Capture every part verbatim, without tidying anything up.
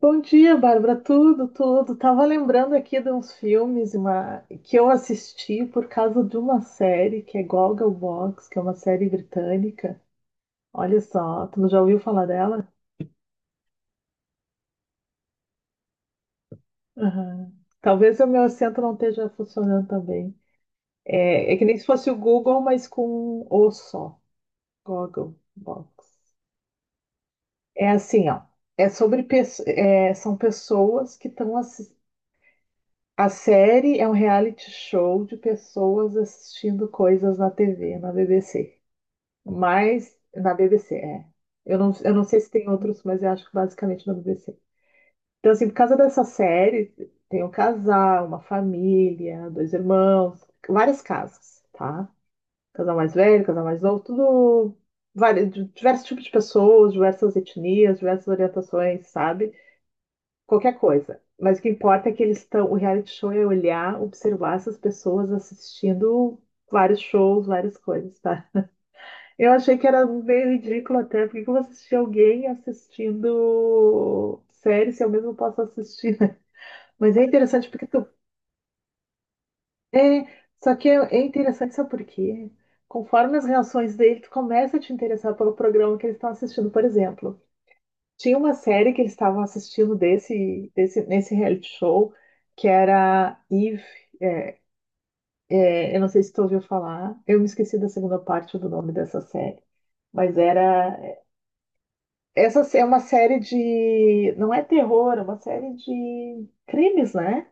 Bom dia, Bárbara. Tudo, tudo. Tava lembrando aqui de uns filmes uma- que eu assisti por causa de uma série que é Gogglebox, que é uma série britânica. Olha só, tu já ouviu falar dela? Aham. Talvez o meu acento não esteja funcionando também. É, é que nem se fosse o Google, mas com um O só. Gogglebox. É assim, ó. É sobre pesso- é, são pessoas que estão. A série é um reality show de pessoas assistindo coisas na T V, na B B C. Mas, na B B C, é. Eu não, eu não sei se tem outros, mas eu acho que basicamente na B B C. Então, assim, por causa dessa série, tem um casal, uma família, dois irmãos, várias casas, tá? Casal mais velho, casal mais novo, tudo. Vários, diversos tipos de pessoas, diversas etnias, diversas orientações, sabe? Qualquer coisa. Mas o que importa é que eles estão. O reality show é olhar, observar essas pessoas assistindo vários shows, várias coisas, tá? Eu achei que era meio ridículo até, porque que eu vou assistir alguém assistindo série se eu mesmo posso assistir, né? Mas é interessante porque tu. É, só que é é interessante, sabe por quê? Conforme as reações dele, tu começa a te interessar pelo programa que eles estão assistindo, por exemplo. Tinha uma série que eles estavam assistindo desse, desse, nesse reality show, que era Eve. É, eu não sei se tu ouviu falar, eu me esqueci da segunda parte do nome dessa série. Mas era. Essa é uma série de. Não é terror, é uma série de crimes, né?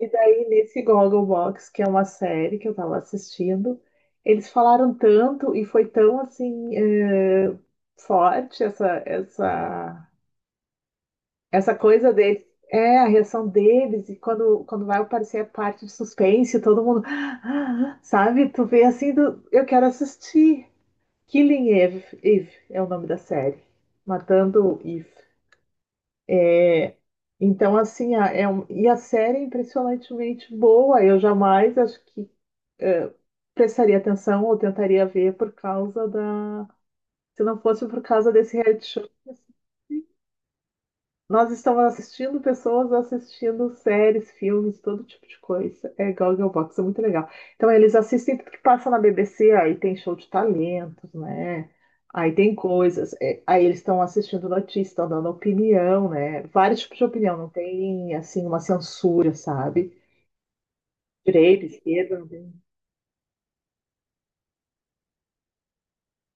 E daí, nesse Gogglebox, que é uma série que eu tava assistindo, eles falaram tanto e foi tão assim. Eh, forte essa, essa Essa coisa deles, é a reação deles, e quando, quando vai aparecer a parte de suspense, todo mundo, sabe? Tu vê assim, do, eu quero assistir. Killing Eve, Eve é o nome da série. Matando Eve. Então, assim, a- é um- e a série é impressionantemente boa. Eu jamais acho que eh, prestaria atenção ou tentaria ver por causa da. Se não fosse por causa desse reality show. Nós estamos assistindo pessoas assistindo séries, filmes, todo tipo de coisa. É Goggle Box, é muito legal. Então, eles assistem tudo que passa na B B C, aí tem show de talentos, né? Aí tem coisas. É, aí eles estão assistindo notícias, estão dando opinião, né? Vários tipos de opinião, não tem, assim, uma censura, sabe? Direita, esquerda, não tem.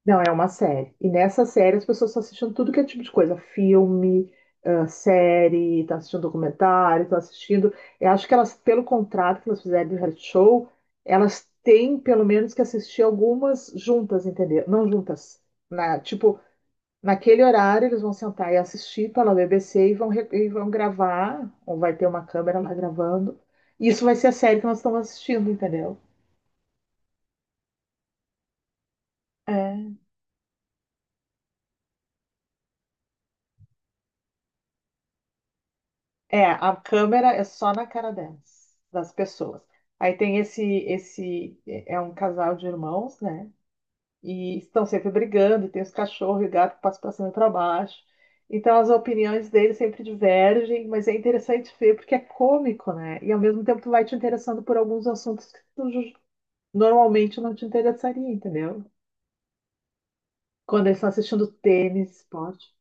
Não, é uma série. E nessa série as pessoas estão assistindo tudo que é tipo de coisa. Filme, ah, série, estão assistindo documentário, estão assistindo. Eu acho que elas, pelo contrato que elas fizeram do reality show, elas têm pelo menos que assistir algumas juntas, entendeu? Não juntas. Na, tipo, naquele horário eles vão sentar e assistir pela B B C e vão, re- e vão gravar, ou vai ter uma câmera lá gravando. Isso vai ser a série que nós estamos assistindo, entendeu? É. É, a câmera é só na cara delas, das pessoas. Aí tem esse, esse, é é um casal de irmãos, né? E estão sempre brigando, e tem os cachorros e o gato que passam para cima e para baixo. Então as opiniões deles sempre divergem, mas é interessante ver porque é cômico, né? E ao mesmo tempo tu vai te interessando por alguns assuntos que tu ju- normalmente não te interessaria, entendeu? Quando eles estão assistindo tênis, esporte.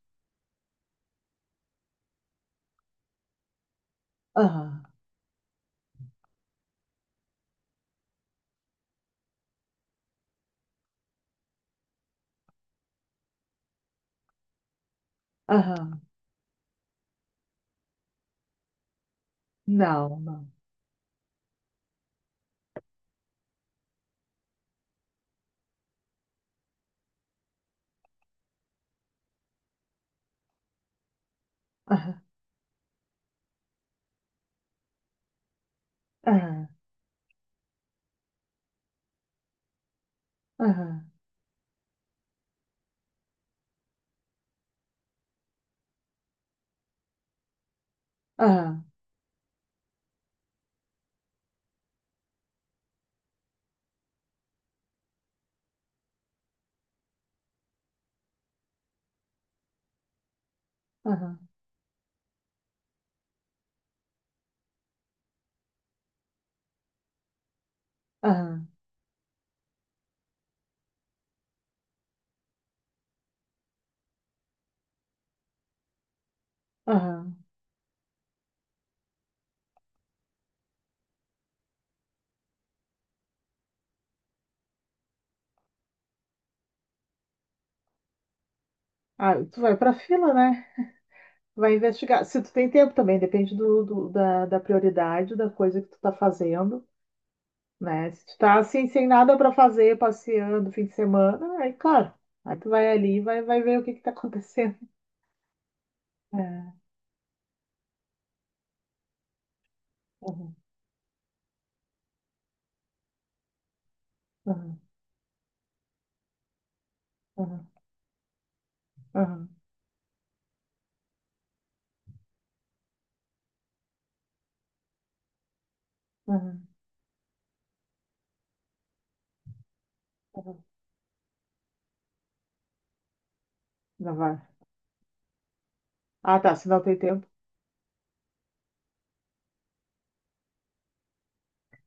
Aham, aham, não, não. Aham, aham, aham, aham, aham. Aham, aham. Ah, tu vai pra fila, né? Vai investigar. Se tu tem tempo também, depende do, do- da, da prioridade da coisa que tu tá fazendo, né? Se tu tá assim, sem nada pra fazer, passeando fim de semana, aí, claro. Aí tu vai ali e vai, vai ver o que que tá acontecendo. É, aham, aham, aham, aham, aham, aham. Não vai. Ah, tá, se não tem tempo.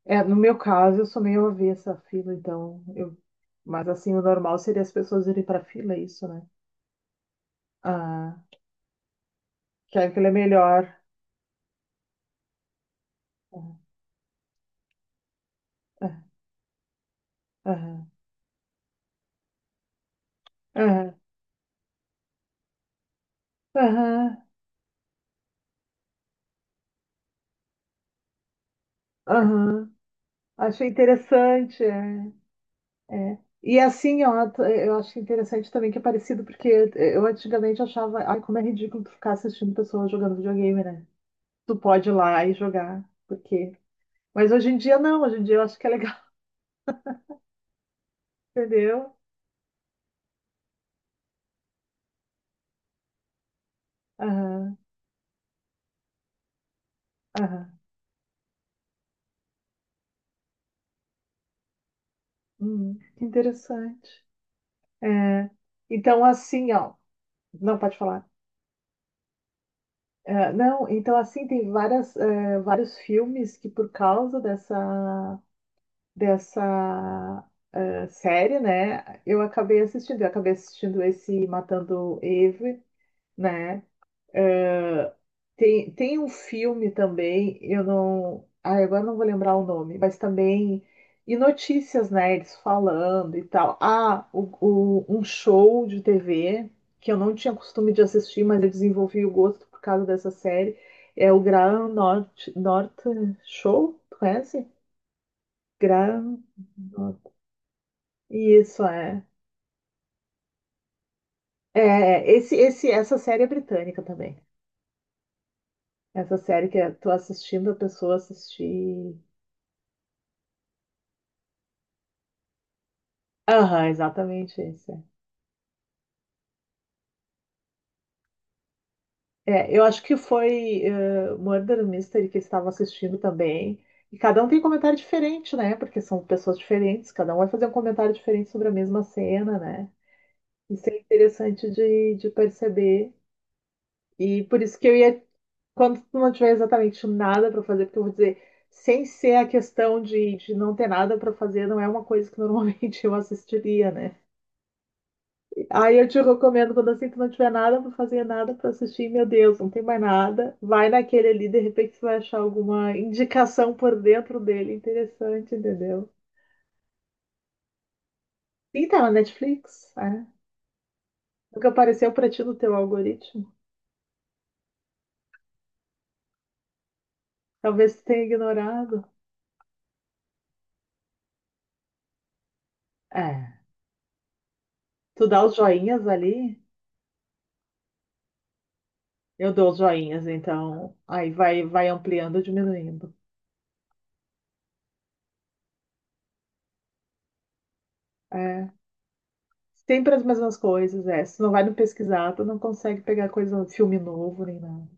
É, no meu caso, eu sou meio avessa à fila, então eu... Mas assim, o normal seria as pessoas irem pra fila, é isso, né? Ah. Que aquilo é melhor. Aham, aham, aham, aham, aham. Achei interessante. É, é. E assim, ó, t- é, eu acho interessante também que é parecido, porque é, eu antigamente achava, ai, como é ridículo tu ficar assistindo pessoas jogando videogame, né? Tu pode ir lá e jogar, porque. Mas hoje em dia não, hoje em dia eu acho que é legal, entendeu? Aham, aham. Hum, que interessante. É. Então, assim, ó. Não, pode falar. É, não, então assim tem várias, é, vários filmes que por causa dessa dessa eh, série, né, eu acabei assistindo, eu acabei assistindo esse Matando Eve, né, tem, tem um filme também, eu não. Ai, agora não vou lembrar o nome, mas também. E notícias nerds falando e tal. Ah, o, o- um show de T V que eu não tinha costume de assistir, mas eu desenvolvi o gosto por causa dessa série. É o Graham North, North Show, tu conhece? Graham North. Isso é. É, esse, esse, essa série é britânica também. Essa série que eu tô assistindo, a pessoa assistir. Aham, exatamente isso. É, eu acho que foi eh, Murder Mystery que estava assistindo também. E cada um tem um comentário diferente, né? Porque são pessoas diferentes, cada um vai fazer um comentário diferente sobre a mesma cena, né? Isso é interessante de, de perceber. E por isso que eu ia, quando tu não tiver exatamente nada para fazer, porque eu vou dizer, sem ser a questão de, de não ter nada para fazer, não é uma coisa que normalmente eu assistiria, né? Aí eu te recomendo, quando assim que não tiver nada pra fazer, nada pra assistir, meu Deus, não tem mais nada. Vai naquele ali, de repente você vai achar alguma indicação por dentro dele interessante, entendeu? E tá na Netflix, é. Nunca apareceu pra ti no teu algoritmo. Talvez tu tenha ignorado. É. Tu dá os joinhas ali, eu dou os joinhas, então aí vai, vai ampliando ou diminuindo. É. Sempre as mesmas coisas, é. Se não vai no pesquisar, tu não consegue pegar coisa, filme novo nem nada.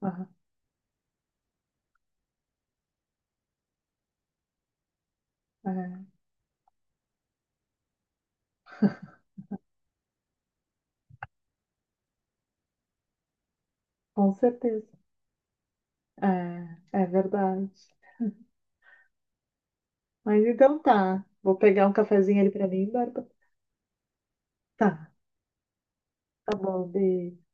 Aham, é. Com certeza. É, é verdade. Mas então tá. Vou pegar um cafezinho ali pra mim, Bárbara. Tá, tá bom, beijo.